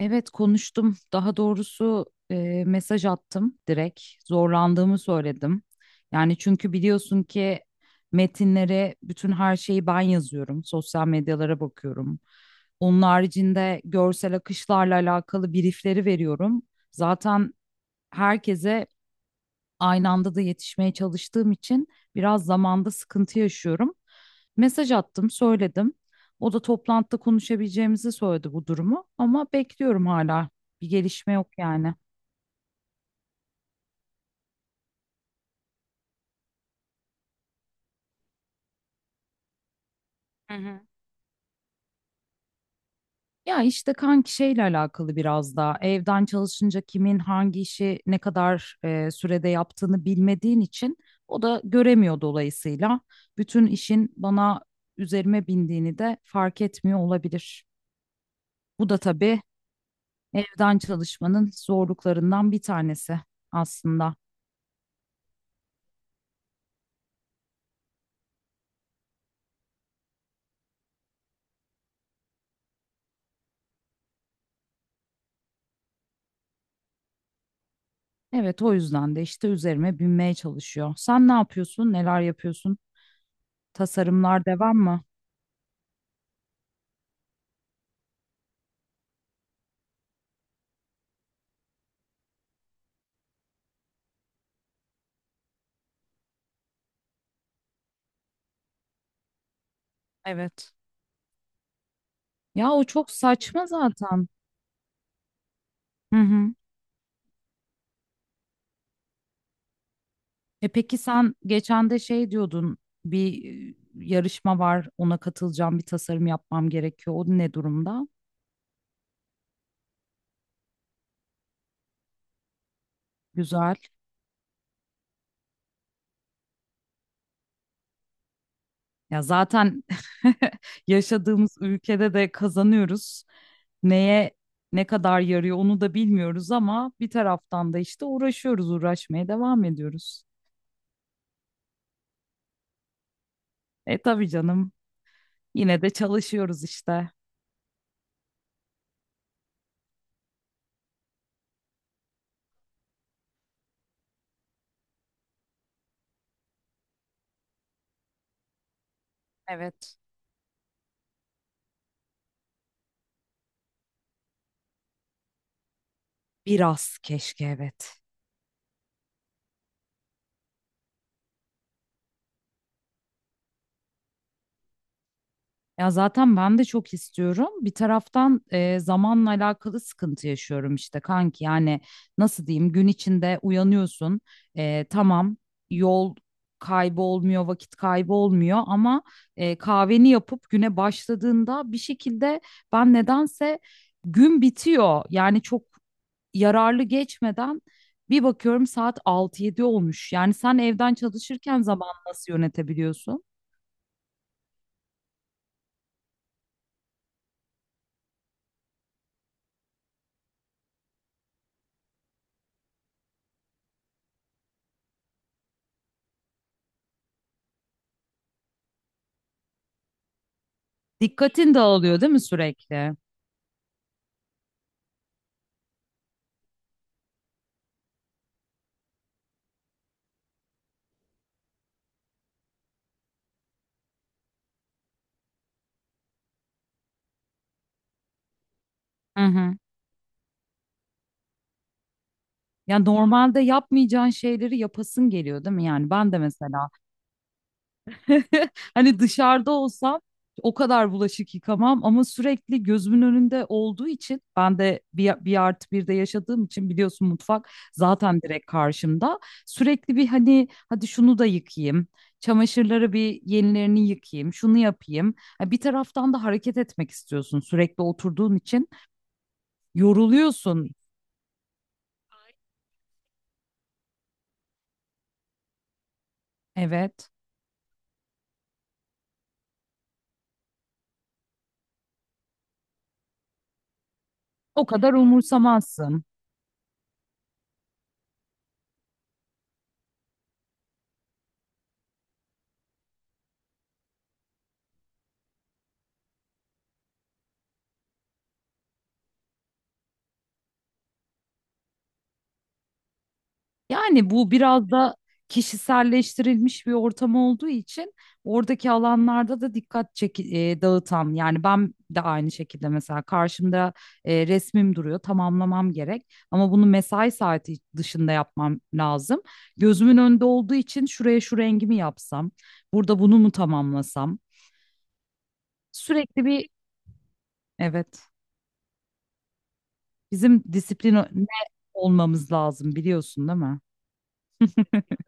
Evet konuştum. Daha doğrusu mesaj attım direkt. Zorlandığımı söyledim. Yani çünkü biliyorsun ki metinlere bütün her şeyi ben yazıyorum. Sosyal medyalara bakıyorum. Onun haricinde görsel akışlarla alakalı briefleri veriyorum. Zaten herkese aynı anda da yetişmeye çalıştığım için biraz zamanda sıkıntı yaşıyorum. Mesaj attım, söyledim. O da toplantıda konuşabileceğimizi söyledi bu durumu, ama bekliyorum hala. Bir gelişme yok yani. Hı hı. Ya işte kanki şeyle alakalı biraz daha evden çalışınca kimin hangi işi ne kadar sürede yaptığını bilmediğin için o da göremiyor, dolayısıyla bütün işin bana, üzerime bindiğini de fark etmiyor olabilir. Bu da tabii evden çalışmanın zorluklarından bir tanesi aslında. Evet, o yüzden de işte üzerime binmeye çalışıyor. Sen ne yapıyorsun? Neler yapıyorsun? Tasarımlar devam mı? Evet. Ya o çok saçma zaten. Hı hı. E peki, sen geçen de şey diyordun. Bir yarışma var. Ona katılacağım. Bir tasarım yapmam gerekiyor. O ne durumda? Güzel. Ya zaten yaşadığımız ülkede de kazanıyoruz, neye ne kadar yarıyor onu da bilmiyoruz ama bir taraftan da işte uğraşıyoruz, uğraşmaya devam ediyoruz. E tabii canım, yine de çalışıyoruz işte. Evet. Biraz keşke, evet. Ya zaten ben de çok istiyorum. Bir taraftan zamanla alakalı sıkıntı yaşıyorum işte kanki. Yani nasıl diyeyim, gün içinde uyanıyorsun. E, tamam, yol kaybı olmuyor, vakit kaybı olmuyor ama kahveni yapıp güne başladığında bir şekilde ben nedense gün bitiyor. Yani çok yararlı geçmeden bir bakıyorum saat 6-7 olmuş. Yani sen evden çalışırken zaman nasıl yönetebiliyorsun? Dikkatin dağılıyor değil mi sürekli? Hı hı. Ya normalde yapmayacağın şeyleri yapasın geliyor değil mi? Yani ben de mesela hani dışarıda olsam o kadar bulaşık yıkamam ama sürekli gözümün önünde olduğu için, ben de 1+1 de yaşadığım için biliyorsun mutfak zaten direkt karşımda. Sürekli bir, hani hadi şunu da yıkayayım, çamaşırları bir yenilerini yıkayayım, şunu yapayım. Ha, bir taraftan da hareket etmek istiyorsun, sürekli oturduğun için yoruluyorsun. Evet. O kadar umursamazsın. Yani bu biraz da kişiselleştirilmiş bir ortam olduğu için, oradaki alanlarda da dikkat dağıtan. Yani ben de aynı şekilde mesela karşımda resmim duruyor, tamamlamam gerek ama bunu mesai saati dışında yapmam lazım. Gözümün önünde olduğu için şuraya şu rengimi yapsam, burada bunu mu tamamlasam? Sürekli bir, evet, bizim disipline olmamız lazım, biliyorsun değil mi?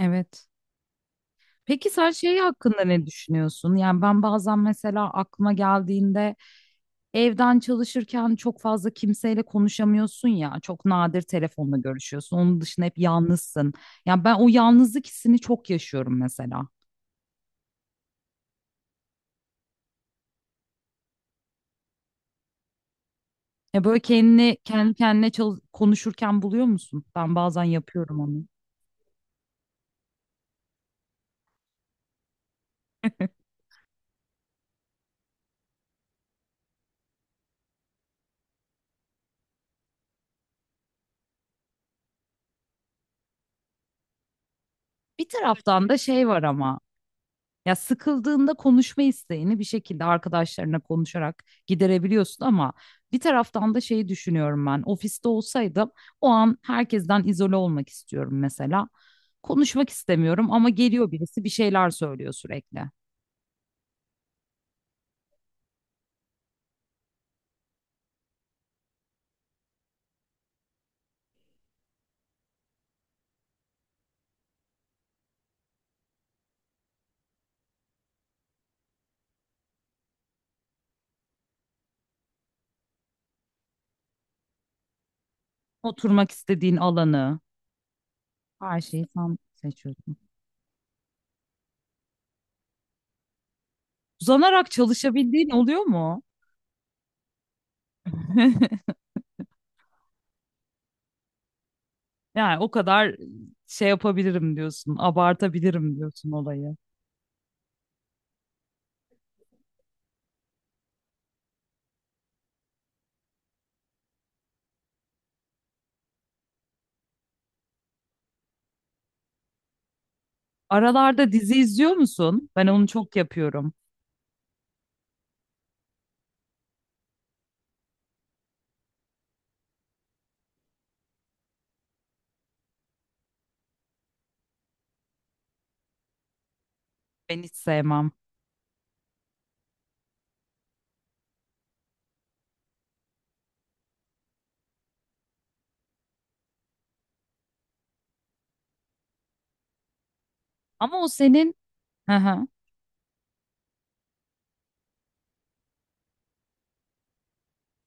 Evet. Peki sen şey hakkında ne düşünüyorsun? Yani ben bazen, mesela aklıma geldiğinde, evden çalışırken çok fazla kimseyle konuşamıyorsun ya. Çok nadir telefonla görüşüyorsun. Onun dışında hep yalnızsın. Yani ben o yalnızlık hissini çok yaşıyorum mesela. Ya böyle kendini kendi kendine konuşurken buluyor musun? Ben bazen yapıyorum onu. Bir taraftan da şey var ama, ya sıkıldığında konuşma isteğini bir şekilde arkadaşlarına konuşarak giderebiliyorsun, ama bir taraftan da şeyi düşünüyorum ben. Ofiste olsaydım o an herkesten izole olmak istiyorum mesela. Konuşmak istemiyorum ama geliyor birisi, bir şeyler söylüyor sürekli. Oturmak istediğin alanı, her şeyi sen seçiyorsun. Uzanarak çalışabildiğin oluyor mu? Yani o kadar şey yapabilirim diyorsun, abartabilirim diyorsun olayı. Aralarda dizi izliyor musun? Ben onu çok yapıyorum. Ben hiç sevmem. Ama o senin, hı hı,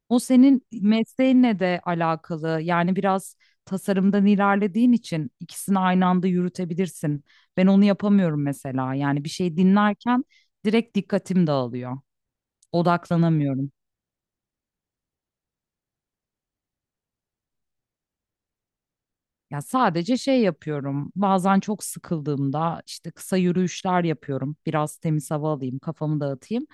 o senin mesleğinle de alakalı. Yani biraz tasarımdan ilerlediğin için ikisini aynı anda yürütebilirsin. Ben onu yapamıyorum mesela. Yani bir şey dinlerken direkt dikkatim dağılıyor. Odaklanamıyorum. Ya sadece şey yapıyorum. Bazen çok sıkıldığımda işte kısa yürüyüşler yapıyorum. Biraz temiz hava alayım, kafamı dağıtayım.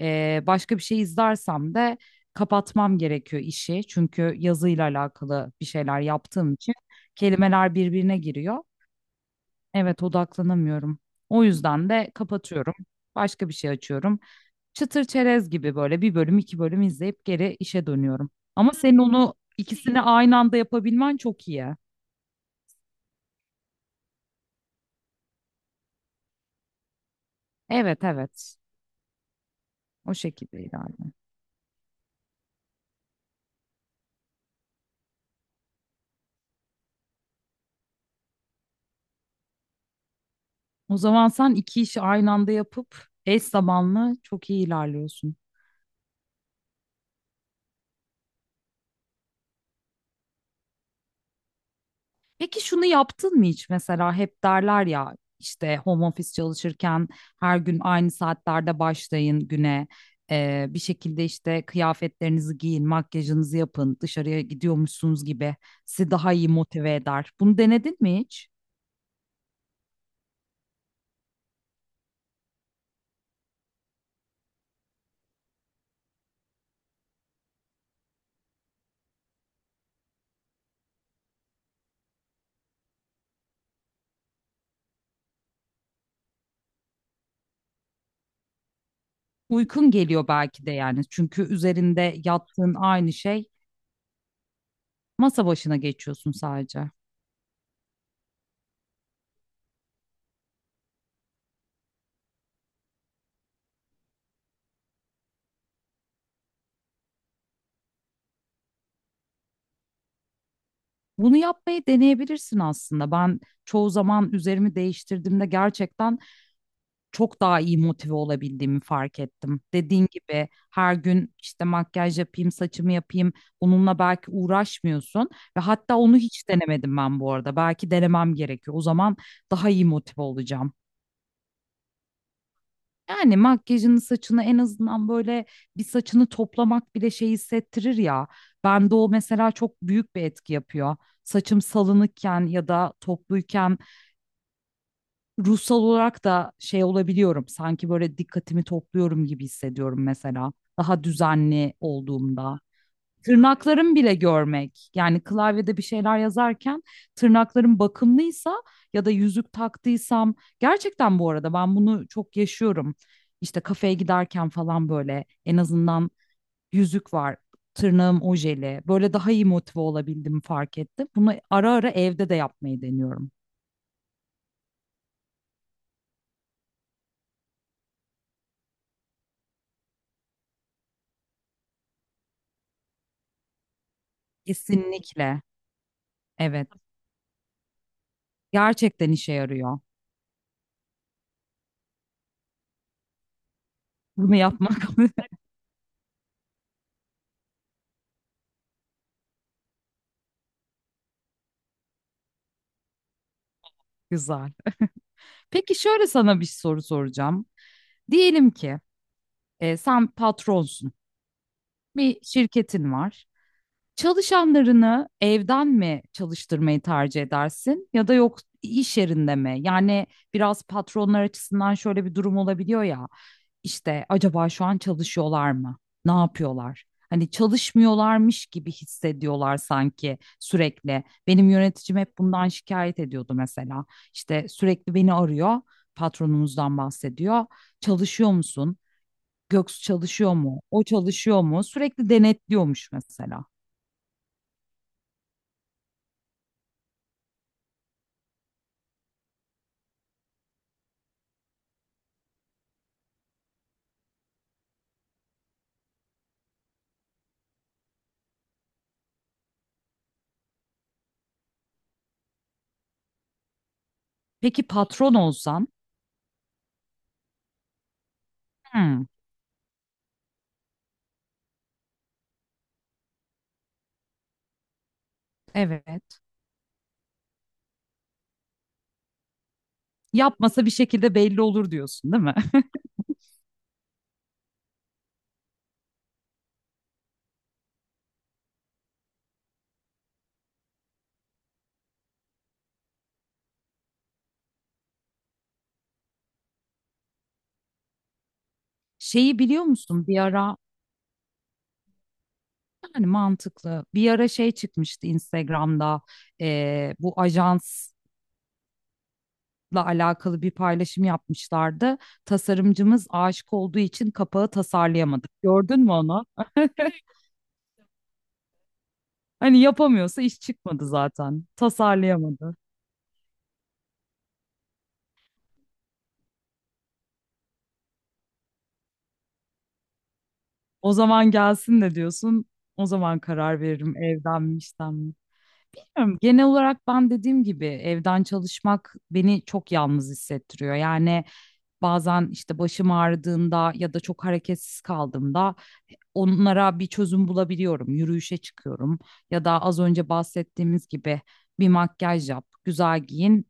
Başka bir şey izlersem de kapatmam gerekiyor işi. Çünkü yazıyla alakalı bir şeyler yaptığım için kelimeler birbirine giriyor. Evet, odaklanamıyorum. O yüzden de kapatıyorum, başka bir şey açıyorum. Çıtır çerez gibi böyle bir bölüm, iki bölüm izleyip geri işe dönüyorum. Ama senin onu, ikisini aynı anda yapabilmen çok iyi. Evet, evet. O şekilde ilerliyorum. O zaman sen iki işi aynı anda yapıp eş zamanlı çok iyi ilerliyorsun. Peki şunu yaptın mı hiç? Mesela hep derler ya, işte home office çalışırken her gün aynı saatlerde başlayın güne. Bir şekilde işte kıyafetlerinizi giyin, makyajınızı yapın, dışarıya gidiyormuşsunuz gibi sizi daha iyi motive eder. Bunu denedin mi hiç? Uykun geliyor belki de yani. Çünkü üzerinde yattığın aynı şey, masa başına geçiyorsun sadece. Bunu yapmayı deneyebilirsin aslında. Ben çoğu zaman üzerimi değiştirdiğimde gerçekten çok daha iyi motive olabildiğimi fark ettim. Dediğin gibi her gün işte makyaj yapayım, saçımı yapayım. Bununla belki uğraşmıyorsun, ve hatta onu hiç denemedim ben bu arada. Belki denemem gerekiyor. O zaman daha iyi motive olacağım. Yani makyajını, saçını en azından, böyle bir saçını toplamak bile şey hissettirir ya. Bende o mesela çok büyük bir etki yapıyor. Saçım salınıkken ya da topluyken ruhsal olarak da şey olabiliyorum. Sanki böyle dikkatimi topluyorum gibi hissediyorum mesela, daha düzenli olduğumda. Tırnaklarım bile görmek. Yani klavyede bir şeyler yazarken tırnaklarım bakımlıysa ya da yüzük taktıysam, gerçekten bu arada ben bunu çok yaşıyorum. İşte kafeye giderken falan, böyle en azından yüzük var, tırnağım ojeli, böyle daha iyi motive olabildim, fark ettim. Bunu ara ara evde de yapmayı deniyorum. Kesinlikle. Evet. Gerçekten işe yarıyor. Bunu yapmak güzel. Peki şöyle sana bir soru soracağım. Diyelim ki sen patronsun, bir şirketin var. Çalışanlarını evden mi çalıştırmayı tercih edersin, ya da yok iş yerinde mi? Yani biraz patronlar açısından şöyle bir durum olabiliyor ya, işte acaba şu an çalışıyorlar mı? Ne yapıyorlar? Hani çalışmıyorlarmış gibi hissediyorlar sanki sürekli. Benim yöneticim hep bundan şikayet ediyordu mesela. İşte sürekli beni arıyor, patronumuzdan bahsediyor. Çalışıyor musun? Göksu çalışıyor mu? O çalışıyor mu? Sürekli denetliyormuş mesela. Peki patron olsan, "Hmm, evet. Yapmasa bir şekilde belli olur" diyorsun, değil mi? Şeyi biliyor musun, bir ara, yani mantıklı, bir ara şey çıkmıştı Instagram'da, bu ajansla alakalı bir paylaşım yapmışlardı. Tasarımcımız aşık olduğu için kapağı tasarlayamadı. Gördün mü onu? Hani yapamıyorsa iş çıkmadı zaten, tasarlayamadı. O zaman gelsin de diyorsun. O zaman karar veririm evden mi, işten mi. Bilmiyorum. Genel olarak ben, dediğim gibi, evden çalışmak beni çok yalnız hissettiriyor. Yani bazen işte başım ağrıdığında ya da çok hareketsiz kaldığımda onlara bir çözüm bulabiliyorum. Yürüyüşe çıkıyorum ya da az önce bahsettiğimiz gibi bir makyaj yap, güzel giyin,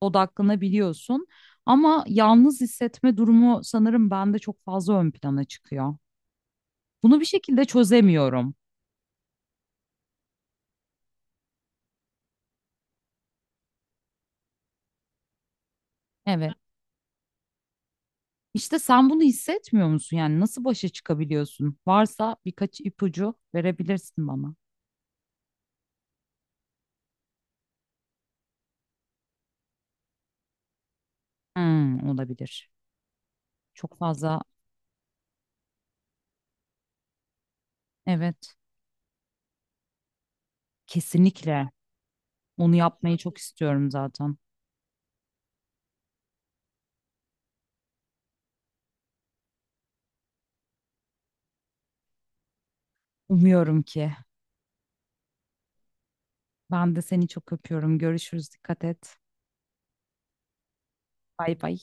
odaklanabiliyorsun. Ama yalnız hissetme durumu sanırım bende çok fazla ön plana çıkıyor. Bunu bir şekilde çözemiyorum. Evet. İşte sen bunu hissetmiyor musun? Yani nasıl başa çıkabiliyorsun? Varsa birkaç ipucu verebilirsin bana. Hmm, olabilir. Çok fazla. Evet. Kesinlikle. Onu yapmayı çok istiyorum zaten. Umuyorum ki. Ben de seni çok öpüyorum. Görüşürüz. Dikkat et. Bay bay.